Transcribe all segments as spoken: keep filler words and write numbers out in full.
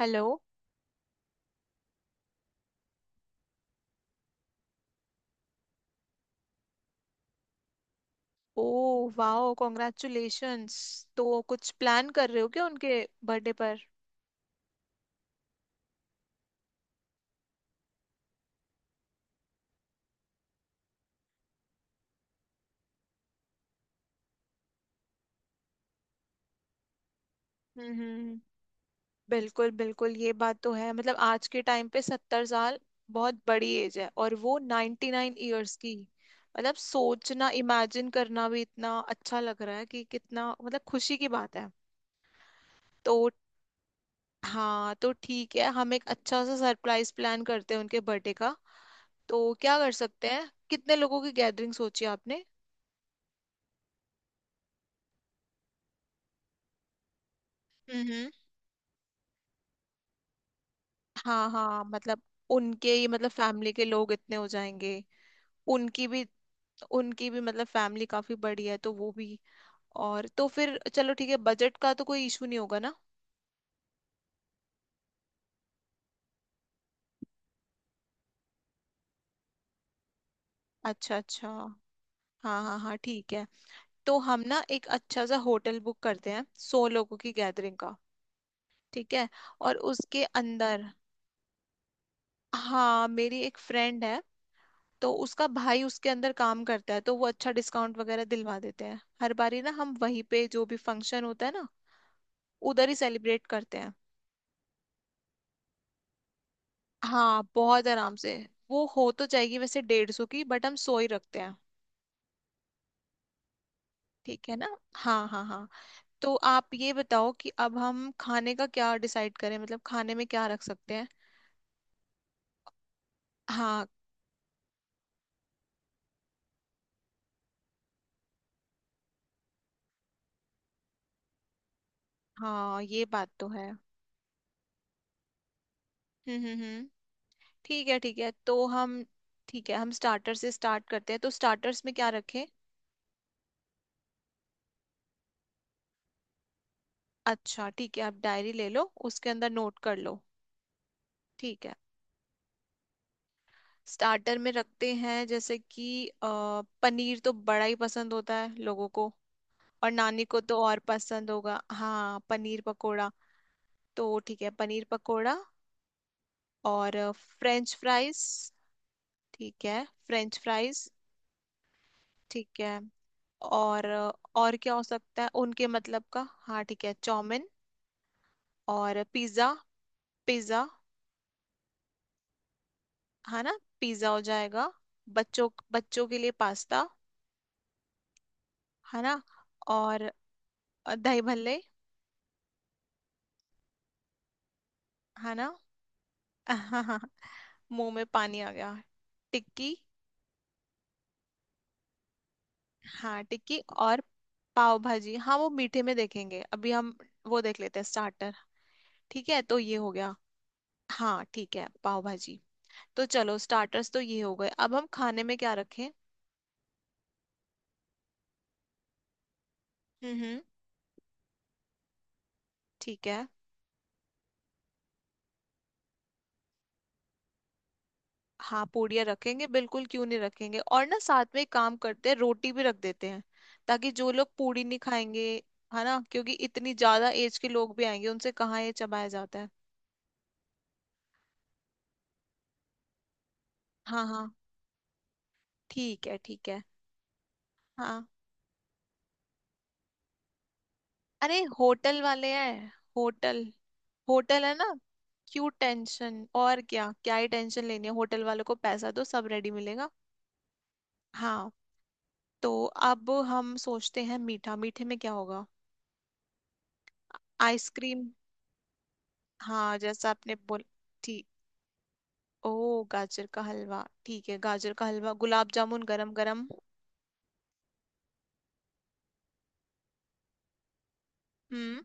Hello. ओ wow congratulations. तो कुछ प्लान कर रहे हो क्या उनके बर्थडे पर? हम्म हम्म, बिल्कुल बिल्कुल, ये बात तो है। मतलब आज के टाइम पे सत्तर साल बहुत बड़ी एज है, और वो नाइन्टी नाइन ईयर्स की। मतलब सोचना, इमेजिन करना भी इतना अच्छा लग रहा है कि कितना, मतलब, खुशी की बात है। तो हाँ, तो ठीक है, हम एक अच्छा सा सरप्राइज प्लान करते हैं उनके बर्थडे का। तो क्या कर सकते हैं, कितने लोगों की गैदरिंग सोची आपने? हम्म। हाँ हाँ, मतलब उनके ही मतलब फैमिली के लोग इतने हो जाएंगे। उनकी भी उनकी भी मतलब फैमिली काफी बड़ी है, तो वो भी। और तो फिर चलो ठीक है, बजट का तो कोई इशू नहीं होगा ना? अच्छा अच्छा। हाँ हाँ हाँ, ठीक है, तो हम ना एक अच्छा सा होटल बुक करते हैं सौ लोगों की गैदरिंग का। ठीक है। और उसके अंदर, हाँ मेरी एक फ्रेंड है, तो उसका भाई उसके अंदर काम करता है, तो वो अच्छा डिस्काउंट वगैरह दिलवा देते हैं हर बारी ना, हम वहीं पे जो भी फंक्शन होता है ना उधर ही सेलिब्रेट करते हैं। हाँ बहुत आराम से। वो हो तो जाएगी वैसे डेढ़ सौ की, बट हम सौ ही रखते हैं। ठीक है ना, हाँ हाँ हाँ। तो आप ये बताओ कि अब हम खाने का क्या डिसाइड करें, मतलब खाने में क्या रख सकते हैं? हाँ हाँ ये बात तो है। हम्म हम्म हम्म, ठीक है ठीक है, तो हम, ठीक है, हम स्टार्टर से स्टार्ट करते हैं, तो स्टार्टर्स में क्या रखें? अच्छा ठीक है, आप डायरी ले लो, उसके अंदर नोट कर लो। ठीक है। स्टार्टर में रखते हैं जैसे कि अ, पनीर तो बड़ा ही पसंद होता है लोगों को, और नानी को तो और पसंद होगा, हाँ पनीर पकोड़ा। तो ठीक है पनीर पकोड़ा। और अ, फ्रेंच फ्राइज। ठीक है फ्रेंच फ्राइज। ठीक है। और अ, और क्या हो सकता है उनके मतलब का, हाँ ठीक है चाउमिन। और पिज्ज़ा, पिज़्ज़ा, है ना पिज़्ज़ा हो जाएगा। बच्चों बच्चों के लिए पास्ता, है ना। और अ, दही भल्ले, है ना। मुंह में पानी आ गया। टिक्की। हाँ टिक्की और पाव भाजी। हाँ वो मीठे में देखेंगे अभी हम, वो देख लेते हैं स्टार्टर। ठीक है, तो ये हो गया। हाँ ठीक है पाव भाजी। तो चलो स्टार्टर्स तो ये हो गए, अब हम खाने में क्या रखें? हम्म हम्म, ठीक है। हाँ पूड़ियाँ रखेंगे बिल्कुल क्यों नहीं रखेंगे, और ना साथ में एक काम करते हैं रोटी भी रख देते हैं, ताकि जो लोग पूड़ी नहीं खाएंगे, है ना, क्योंकि इतनी ज्यादा एज के लोग भी आएंगे, उनसे कहाँ ये चबाया जाता है। हाँ हाँ। ठीक है ठीक है। हाँ, अरे होटल वाले हैं, होटल, होटल है ना। क्यों टेंशन, और क्या क्या ही टेंशन लेनी है, होटल वालों को पैसा दो सब रेडी मिलेगा। हाँ, तो अब हम सोचते हैं मीठा, मीठे में क्या होगा? आइसक्रीम। हाँ जैसा आपने बोल ठीक, ओ गाजर का हलवा, ठीक है गाजर का हलवा, गुलाब जामुन गरम गरम। हम्म।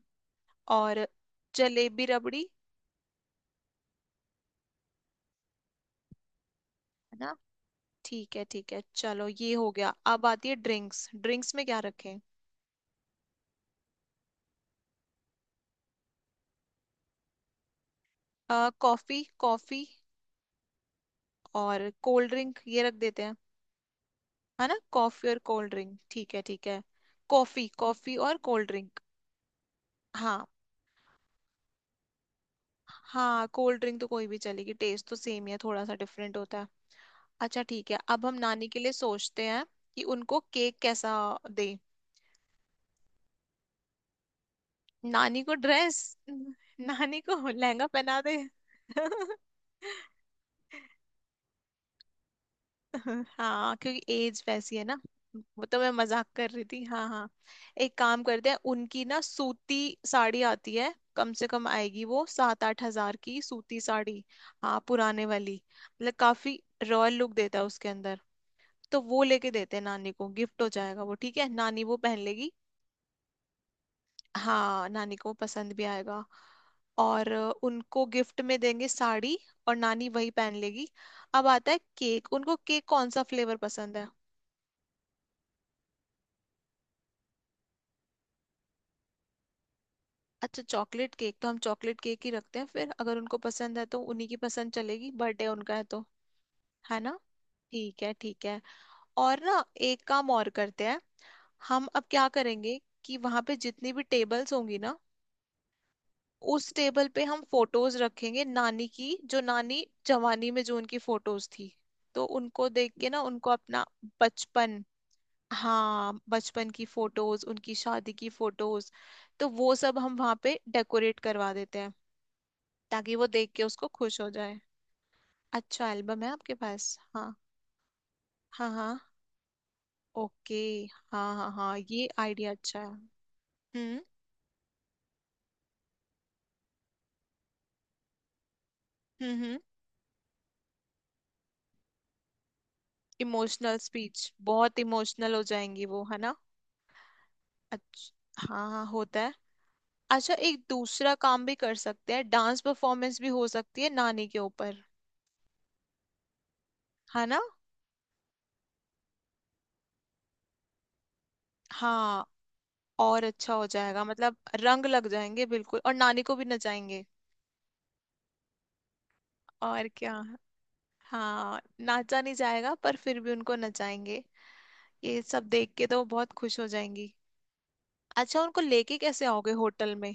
और जलेबी रबड़ी, है ना। ठीक है ठीक है चलो ये हो गया। अब आती है ड्रिंक्स, ड्रिंक्स में क्या रखें? अ, कॉफी कॉफी और कोल्ड ड्रिंक ये रख देते हैं। है ना, कॉफी और कोल्ड ड्रिंक, ठीक है ठीक है। कॉफी कॉफी और कोल्ड ड्रिंक। हाँ हाँ, कोल्ड ड्रिंक तो कोई भी चलेगी, टेस्ट तो सेम ही है, थोड़ा सा डिफरेंट होता है। अच्छा ठीक है, अब हम नानी के लिए सोचते हैं कि उनको केक कैसा दे। नानी को ड्रेस? नानी को लहंगा पहना दे। हाँ क्योंकि एज वैसी है ना। वो तो मैं मजाक कर रही थी, हाँ हाँ। एक काम करते हैं उनकी ना सूती साड़ी आती है, कम से कम आएगी वो सात आठ हजार की सूती साड़ी। हाँ पुराने वाली। मतलब काफी रॉयल लुक देता है उसके अंदर, तो वो लेके देते हैं नानी को, गिफ्ट हो जाएगा वो, ठीक है, नानी वो पहन लेगी। हाँ नानी को पसंद भी आएगा। और अ, उनको गिफ्ट में देंगे साड़ी, और नानी वही पहन लेगी। अब आता है केक, उनको केक कौन सा फ्लेवर पसंद है? अच्छा चॉकलेट केक, तो हम चॉकलेट केक ही रखते हैं, फिर अगर उनको पसंद है तो उन्हीं की पसंद चलेगी, बर्थडे उनका है तो। है ना। ठीक है ठीक है। और ना एक काम और करते हैं, हम अब क्या करेंगे कि वहां पे जितनी भी टेबल्स होंगी ना, उस टेबल पे हम फोटोज रखेंगे नानी की, जो नानी जवानी में जो उनकी फोटोज थी, तो उनको देख के ना उनको अपना बचपन, हाँ बचपन की फोटोज, उनकी शादी की फोटोज, तो वो सब हम वहां पे डेकोरेट करवा देते हैं ताकि वो देख के उसको खुश हो जाए। अच्छा एल्बम है आपके पास, हाँ। हाँ हाँ। ओके। हाँ हाँ हाँ, ये आइडिया अच्छा है। हम्म हम्म हम्म। इमोशनल स्पीच, बहुत इमोशनल हो जाएंगी वो, है ना। अच्छा हाँ हाँ होता है। अच्छा एक दूसरा काम भी कर सकते हैं, डांस परफॉर्मेंस भी हो सकती है नानी के ऊपर, है ना। हाँ और अच्छा हो जाएगा, मतलब रंग लग जाएंगे बिल्कुल, और नानी को भी नचाएंगे। और क्या, हाँ नाचा नहीं जाएगा पर फिर भी उनको नचाएंगे, ये सब देख के तो बहुत खुश हो जाएंगी। अच्छा उनको लेके कैसे आओगे होटल में?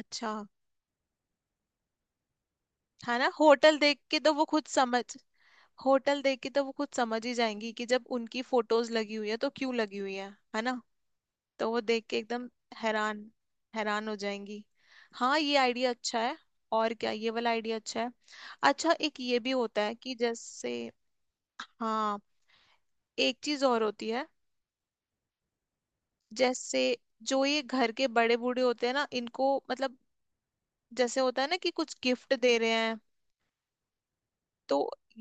अच्छा, है ना, होटल देख के तो वो खुद समझ, होटल देख के तो वो खुद समझ ही जाएंगी कि जब उनकी फोटोज लगी हुई है तो क्यों लगी हुई है है ना। तो वो देख के एकदम हैरान, हैरान हो जाएंगी। हाँ ये आइडिया अच्छा है, और क्या ये वाला आइडिया अच्छा है। अच्छा एक ये भी होता है कि जैसे, हाँ एक चीज और होती है, जैसे जो ये घर के बड़े बूढ़े होते हैं ना, इनको मतलब जैसे होता है ना कि कुछ गिफ्ट दे रहे हैं, तो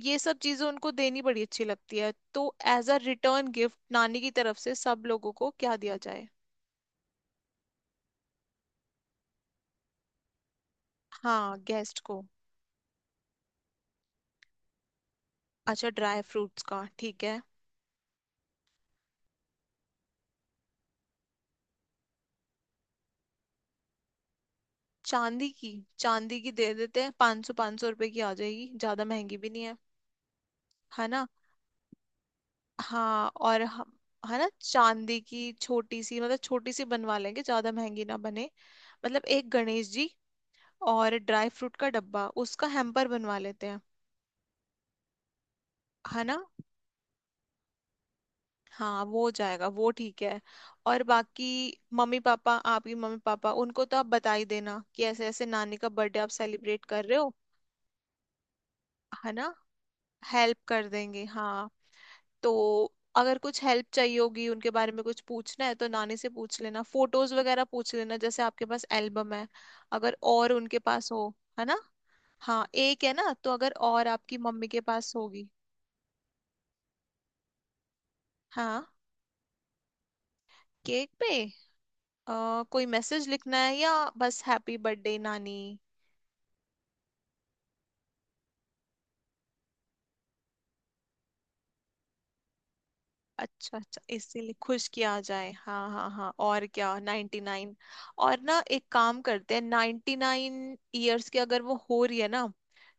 ये सब चीजें उनको देनी बड़ी अच्छी लगती है, तो एज अ रिटर्न गिफ्ट नानी की तरफ से सब लोगों को क्या दिया जाए? हाँ गेस्ट को। अच्छा ड्राई फ्रूट्स का ठीक है। चांदी की, चांदी की दे देते हैं, पाँच सौ पाँच सौ रुपए की आ जाएगी, ज्यादा महंगी भी नहीं है। है ना। हाँ और हम, है ना, चांदी की छोटी सी, मतलब छोटी सी बनवा लेंगे, ज्यादा महंगी ना बने। मतलब एक गणेश जी, और ड्राई फ्रूट का डब्बा उसका हैम्पर बनवा लेते हैं। है ना। हाँ वो जाएगा वो ठीक है। और बाकी, मम्मी पापा, आपकी मम्मी पापा उनको तो आप बता ही देना कि ऐसे ऐसे नानी का बर्थडे आप सेलिब्रेट कर रहे हो। है ना। हेल्प कर देंगे हाँ। तो अगर कुछ हेल्प चाहिए होगी, उनके बारे में कुछ पूछना है तो नानी से पूछ लेना, फोटोज वगैरह पूछ लेना, जैसे आपके पास एल्बम है, अगर और उनके पास हो, है ना। हाँ एक है ना, तो अगर और आपकी मम्मी के पास होगी। हाँ। केक पे अ, कोई मैसेज लिखना है या बस हैप्पी बर्थडे नानी? अच्छा अच्छा, इसीलिए खुश किया जाए, हाँ हाँ हाँ। और क्या, नाइन्टी नाइन, और ना एक काम करते हैं, नाइन्टी नाइन ईयर्स की अगर वो हो रही है ना,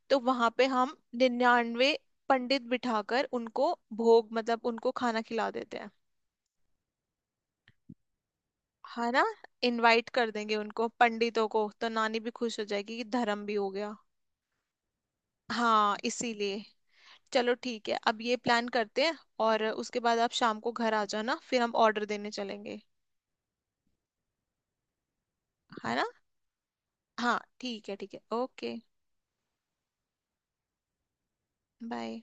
तो वहां पे हम निन्यानवे पंडित बिठाकर उनको भोग, मतलब उनको खाना खिला देते हैं, है ना। इनवाइट कर देंगे उनको पंडितों को, तो नानी भी खुश हो जाएगी कि धर्म भी हो गया। हाँ इसीलिए, चलो ठीक है अब ये प्लान करते हैं, और उसके बाद आप शाम को घर आ जाना फिर हम ऑर्डर देने चलेंगे, है ना। हाँ ठीक है ठीक है ओके बाय।